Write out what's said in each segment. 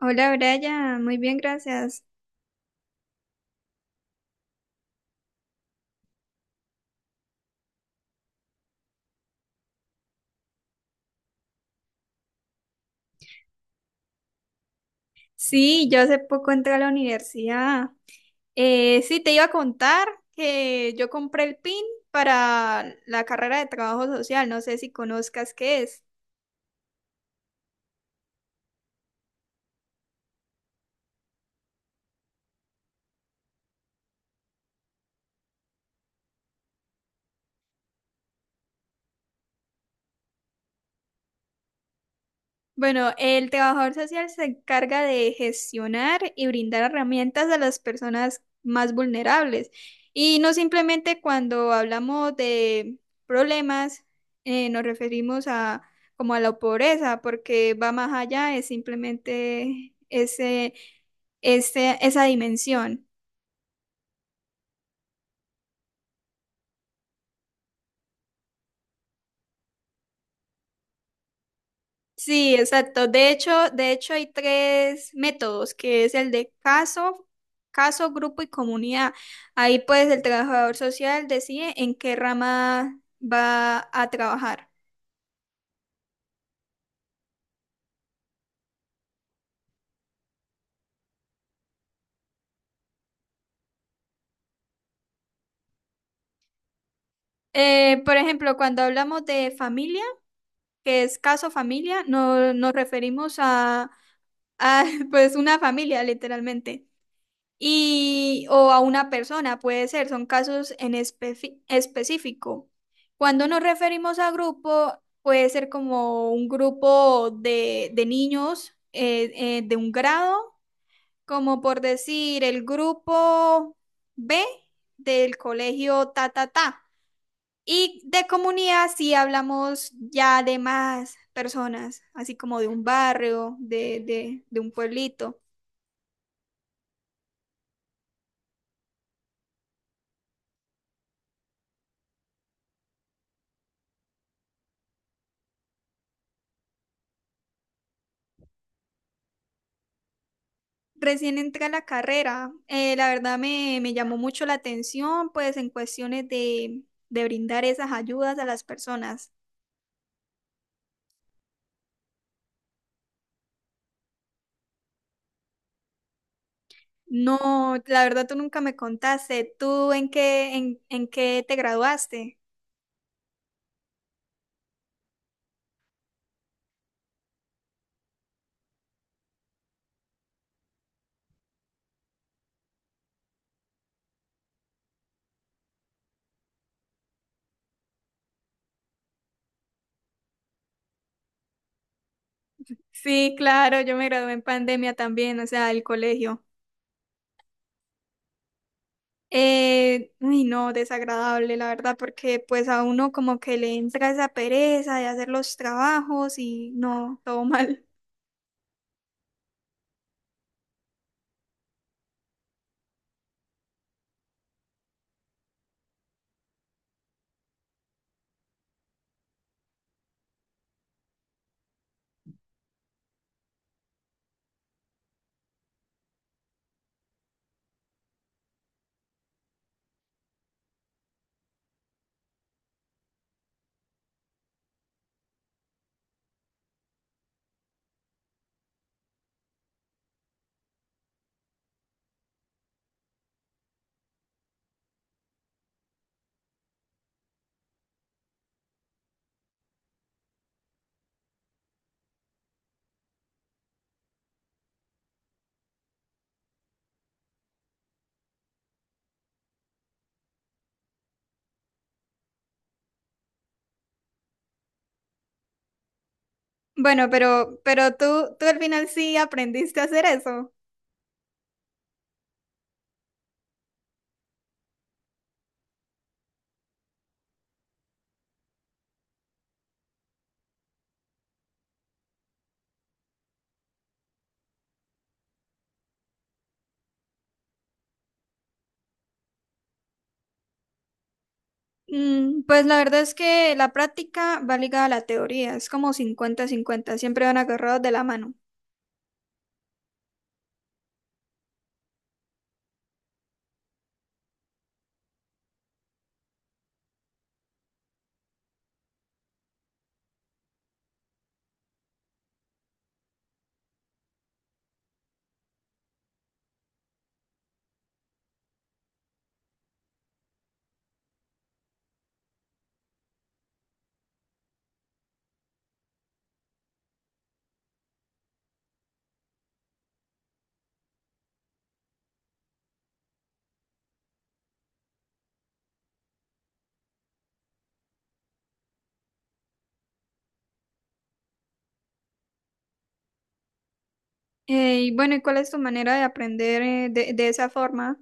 Hola, Brian. Muy bien, gracias. Sí, yo hace poco entré a la universidad. Sí, te iba a contar que yo compré el PIN para la carrera de trabajo social. No sé si conozcas qué es. Bueno, el trabajador social se encarga de gestionar y brindar herramientas a las personas más vulnerables. Y no simplemente cuando hablamos de problemas, nos referimos a como a la pobreza, porque va más allá, es simplemente esa dimensión. Sí, exacto. De hecho hay tres métodos, que es el de caso, grupo y comunidad. Ahí pues el trabajador social decide en qué rama va a trabajar. Por ejemplo, cuando hablamos de familia, que es caso familia, no, nos referimos a pues una familia, literalmente. Y o a una persona, puede ser, son casos en específico. Cuando nos referimos a grupo, puede ser como un grupo de niños de un grado, como por decir el grupo B del colegio ta ta ta. Y de comunidad si hablamos ya de más personas, así como de un barrio, de un pueblito. Recién entré a la carrera. La verdad me llamó mucho la atención, pues en cuestiones de brindar esas ayudas a las personas. No, la verdad tú nunca me contaste. ¿Tú en qué te graduaste? Sí, claro, yo me gradué en pandemia también, o sea, del colegio. Uy, no, desagradable, la verdad, porque pues a uno como que le entra esa pereza de hacer los trabajos y no, todo mal. Bueno, pero tú al final sí aprendiste a hacer eso. Pues la verdad es que la práctica va ligada a la teoría, es como 50-50. Siempre van agarrados de la mano. Y bueno, ¿y cuál es tu manera de aprender de esa forma?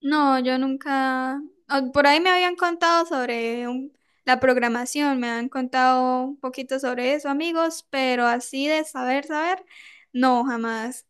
No, yo nunca... Por ahí me habían contado sobre la programación, me han contado un poquito sobre eso, amigos, pero así de saber, saber, no, jamás.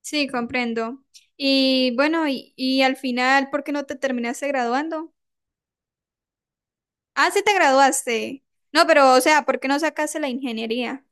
Sí, comprendo. Y bueno, y al final, ¿por qué no te terminaste graduando? Ah, sí te graduaste. No, pero o sea, ¿por qué no sacaste la ingeniería?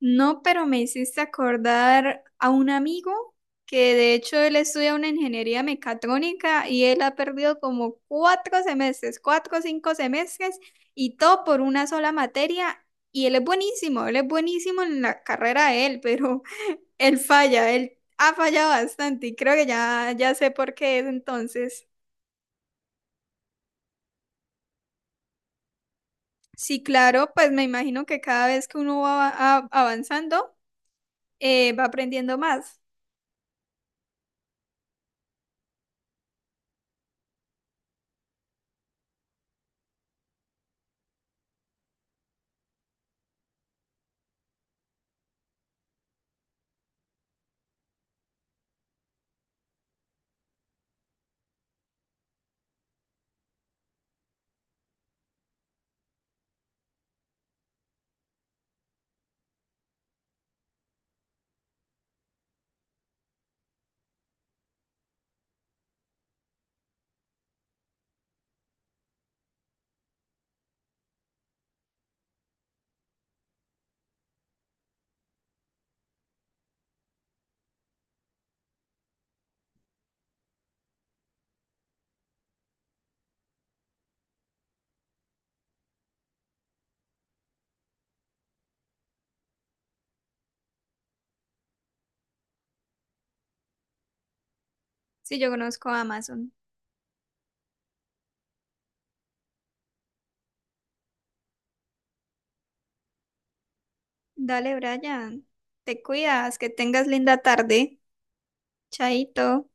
No, pero me hiciste acordar a un amigo que de hecho él estudia una ingeniería mecatrónica y él ha perdido como cuatro semestres, cuatro o cinco semestres y todo por una sola materia. Y él es buenísimo en la carrera de él, pero... Él falla, él ha fallado bastante y creo que ya, ya sé por qué es entonces. Sí, claro, pues me imagino que cada vez que uno avanzando, va aprendiendo más. Sí, yo conozco a Amazon. Dale, Brian, te cuidas, que tengas linda tarde. Chaito.